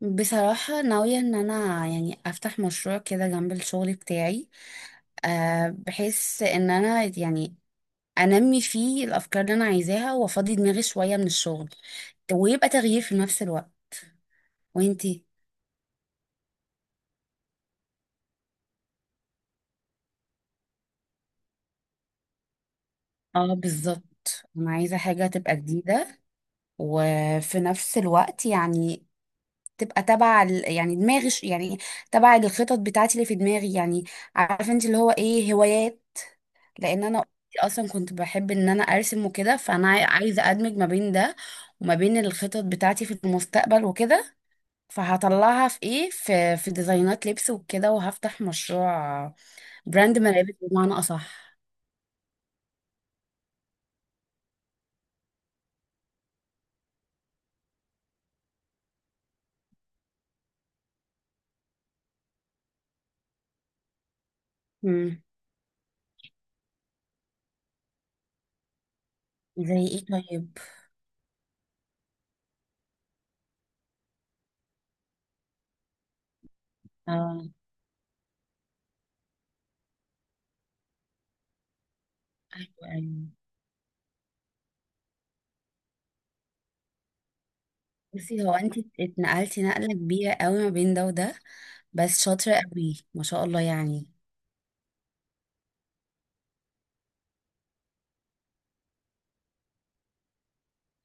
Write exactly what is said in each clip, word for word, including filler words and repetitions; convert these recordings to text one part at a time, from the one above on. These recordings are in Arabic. بصراحة ناوية ان انا يعني افتح مشروع كده جنب الشغل بتاعي. أه بحيث ان انا يعني انمي فيه الافكار اللي انا عايزاها وافضي دماغي شوية من الشغل، ويبقى تغيير في نفس الوقت. وانتي؟ اه بالظبط، انا عايزة حاجة تبقى جديدة، وفي نفس الوقت يعني تبقى تبع ال- يعني دماغي ش- يعني تبع الخطط بتاعتي اللي في دماغي يعني. عارفة انت اللي هو ايه، هوايات. لان انا اصلا كنت بحب ان انا ارسم وكده، فانا عاي- عايزه ادمج ما بين ده وما بين الخطط بتاعتي في المستقبل وكده. فهطلعها في ايه، في في ديزاينات لبس وكده، وهفتح مشروع براند ملابس بمعنى اصح. امم زي ايه طيب؟ اه، ايوه ايوه. بصي، هو انت اتنقلتي نقله كبيره قوي ما بين ده وده، بس شاطره قوي ما شاء الله يعني.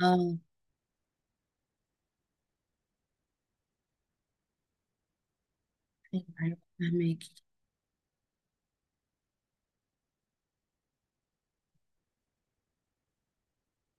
اه، ايوه، أيوة، فهماكي.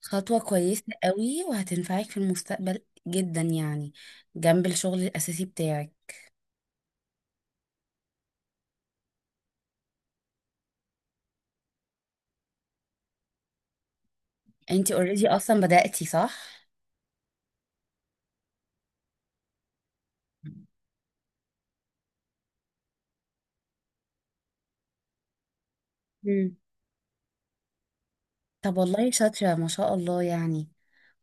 خطوة كويسة قوي وهتنفعك في المستقبل جدا يعني، جنب الشغل الأساسي بتاعك. انتي اوريدي اصلا بدأتي صح؟ مم. طب والله شاطرة ما شاء الله يعني.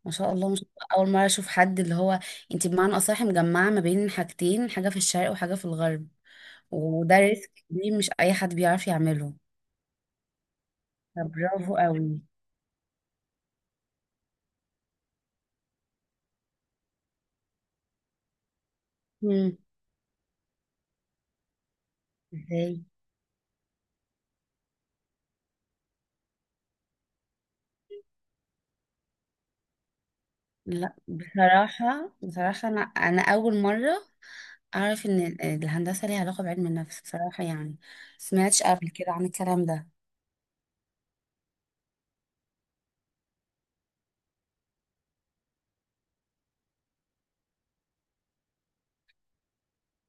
ما شاء الله ما شاء الله. أول مرة أشوف حد اللي هو انتي بمعنى أصح مجمعة ما بين حاجتين، حاجة في الشرق وحاجة في الغرب، وده ريسك كبير مش أي حد بيعرف يعمله. فبرافو قوي. مم. ازاي؟ لا بصراحة بصراحة أنا أنا أول مرة أعرف إن ال- الهندسة ليها علاقة بعلم النفس بصراحة يعني، سمعتش قبل كده عن الكلام ده.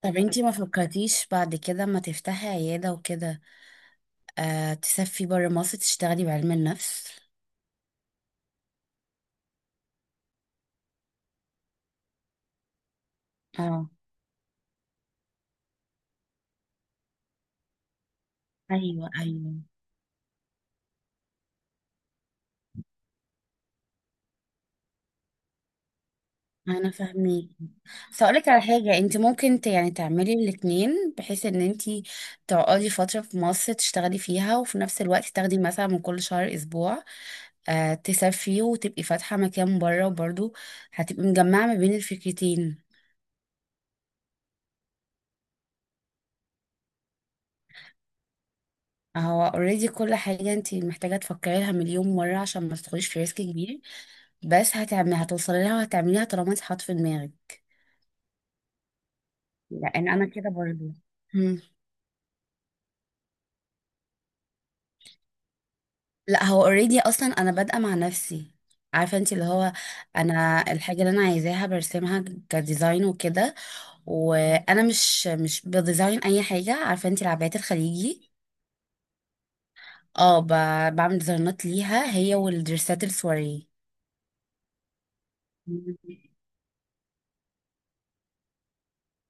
طب انتي ما فكرتيش بعد كده ما تفتحي عيادة وكده، آه تسافري برا مصر تشتغلي بعلم النفس. اه، ايوه ايوه، انا فاهمك. بس اقولك على حاجه، انت ممكن ت- يعني تعملي الاتنين، بحيث ان انت تقعدي فتره في مصر تشتغلي فيها، وفي نفس الوقت تاخدي مثلا من كل شهر اسبوع آه تسافري وتبقي فاتحه مكان بره، وبرضه هتبقي مجمعه ما بين الفكرتين. هو اوريدي كل حاجة انت محتاجة تفكري لها مليون مرة عشان ما تدخليش في ريسك كبير. بس هتعملي، هتوصلي لها وهتعمليها طالما انت حاطة في دماغك. لان انا كده برضو. مم. لا هو اوريدي اصلا انا بادئة مع نفسي. عارفة انت اللي هو، انا الحاجة اللي انا عايزاها برسمها كديزاين وكده. وانا مش مش بديزاين اي حاجة، عارفة انت العبايات الخليجي. اه، ب- بعمل ديزاينات ليها، هي والدرسات السواري.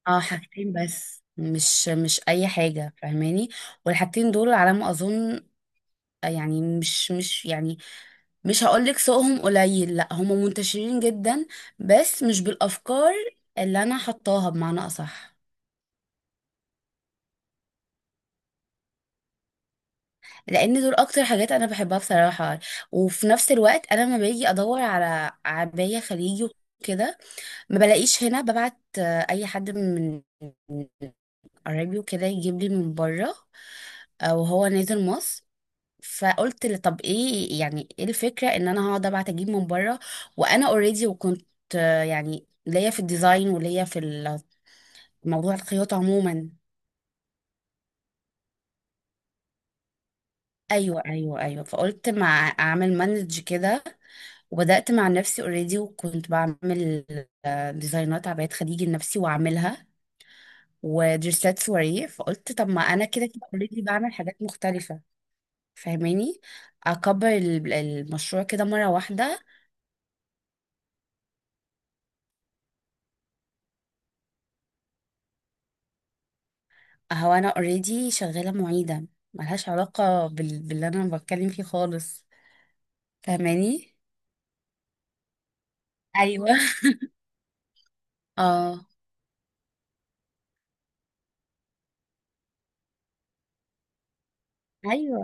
اه، حاجتين بس، مش مش اي حاجه، فاهماني. والحاجتين دول على ما اظن يعني، مش مش يعني، مش هقولك سوقهم قليل، لا هم منتشرين جدا، بس مش بالافكار اللي انا حطاها بمعنى اصح. لان دول اكتر حاجات انا بحبها بصراحه. وفي نفس الوقت انا لما باجي ادور على عبايه خليجي وكده ما بلاقيش هنا، ببعت آه، اي حد من من قرايبي وكده يجيب لي من بره آه، وهو نازل مصر. فقلت لي طب ايه، يعني ايه الفكره ان انا هقعد ابعت اجيب من بره، وانا اوريدي وكنت آه، يعني ليا في الديزاين وليا في ال- موضوع الخياطه عموما. ايوه ايوه ايوه، فقلت مع اعمل مانج كده، وبدات مع نفسي اوريدي، وكنت بعمل آه، ديزاينات عبايات خديجي لنفسي واعملها، ودريسات سواريه. فقلت طب ما انا كده كده اوريدي بعمل حاجات مختلفه، فاهماني، اكبر ال- المشروع كده مره واحده. هو انا اوريدي شغاله معيده، ملهاش علاقه بال... باللي انا بتكلم فيه خالص، فاهماني. ايوه اه. ايوه،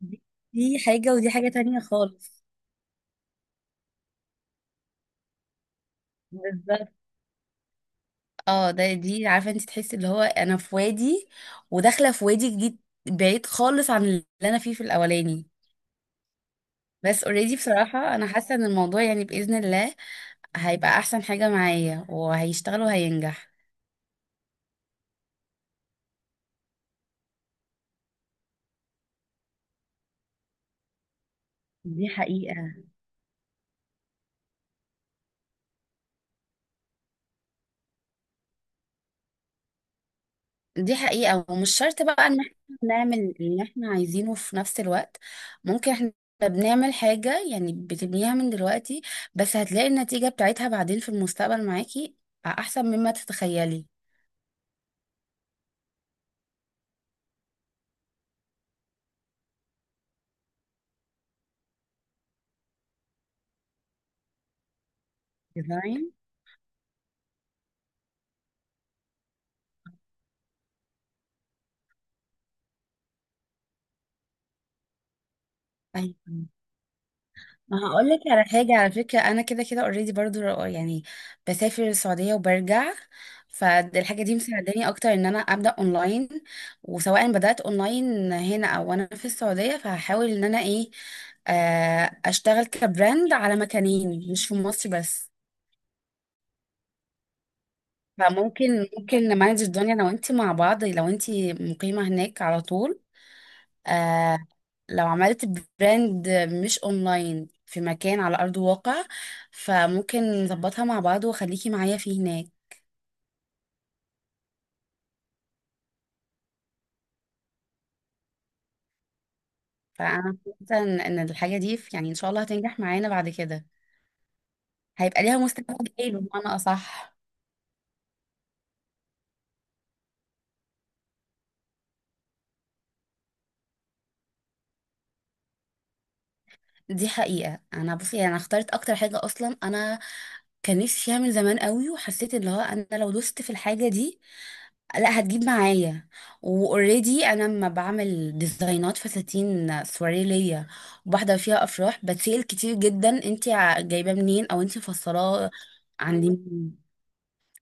دي دي حاجه ودي حاجه تانية خالص. بالظبط. اه ده دي عارفه انت، تحسي اللي هو انا في وادي، وداخله في وادي جديد بعيد خالص عن اللي انا فيه في الاولاني. بس اوريدي بصراحه انا حاسه ان الموضوع يعني باذن الله هيبقى احسن حاجه معايا، وهيشتغل وهينجح. دي حقيقة. دي حقيقة، ومش شرط بقى ان احنا نعمل اللي احنا عايزينه في نفس الوقت. ممكن احنا بنعمل حاجة، يعني بتبنيها من دلوقتي، بس هتلاقي النتيجة بتاعتها بعدين في المستقبل معاكي احسن مما تتخيلي. فاهمة؟ أيوة. ما هقول لك على حاجة، على فكرة أنا كده كده اوريدي برضو ر- يعني بسافر السعودية وبرجع، فالحاجة دي مساعداني أكتر إن أنا أبدأ أونلاين. وسواء بدأت أونلاين هنا أو أنا في السعودية، فهحاول إن أنا إيه، آه، أشتغل كبراند على مكانين، مش في مصر بس. فممكن ممكن نمانج الدنيا لو أنت مع بعض لو أنت مقيمة هناك على طول. آه، لو عملت براند مش اونلاين في مكان على ارض الواقع، فممكن نظبطها مع بعض وخليكي معايا فيه هناك. فانا حاسه ان إن الحاجه دي ف- يعني ان شاء الله هتنجح معانا بعد كده، هيبقى ليها مستقبل ايه بمعنى اصح. دي حقيقه. انا بصي انا اخترت اكتر حاجه اصلا انا كان نفسي اعمل زمان قوي، وحسيت ان هو انا لو دوست في الحاجه دي لا هتجيب معايا. واوريدي انا لما بعمل ديزاينات فساتين سواري ليا وبحضر فيها افراح، بتسأل كتير جدا، انت جايباه منين او انت مفصلاه عند مين.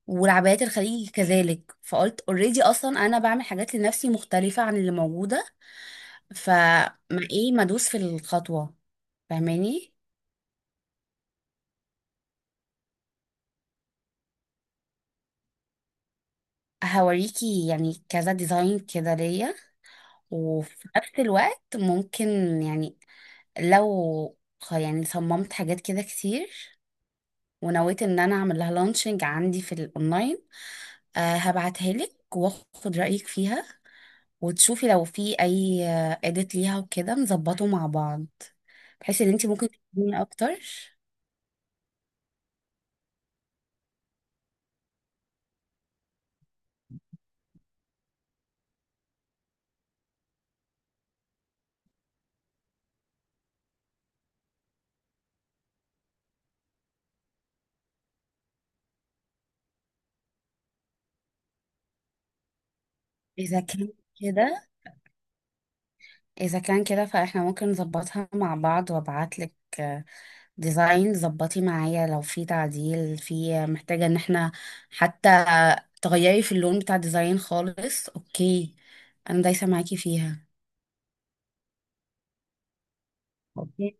والعبايات الخليجي كذلك. فقلت اوريدي اصلا انا بعمل حاجات لنفسي مختلفه عن اللي موجوده، فما ايه، ما ادوس في الخطوه، فاهماني. هوريكي يعني كذا ديزاين كده ليا. وفي نفس الوقت ممكن يعني لو خ- يعني صممت حاجات كده كتير ونويت ان انا اعمل لها لانشنج عندي في الاونلاين، آه هبعتها لك واخد رأيك فيها، وتشوفي لو في اي اديت ليها وكده نظبطه مع بعض، بحيث ان انت ممكن تفيديني اكتر. اذا كان كده، اذا كان كده فاحنا ممكن نظبطها مع بعض، وابعت لك ديزاين ظبطي معايا لو في تعديل، في محتاجة ان احنا حتى تغيري في اللون بتاع الديزاين خالص، اوكي، انا دايسة معاكي فيها. اوكي،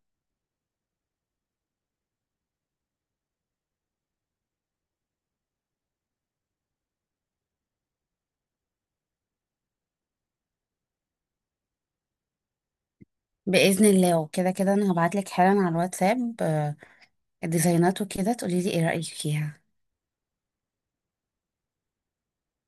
بإذن الله. وكده كده انا هبعتلك حالا على الواتساب آه، الديزاينات وكده تقولي لي ايه رأيك فيها.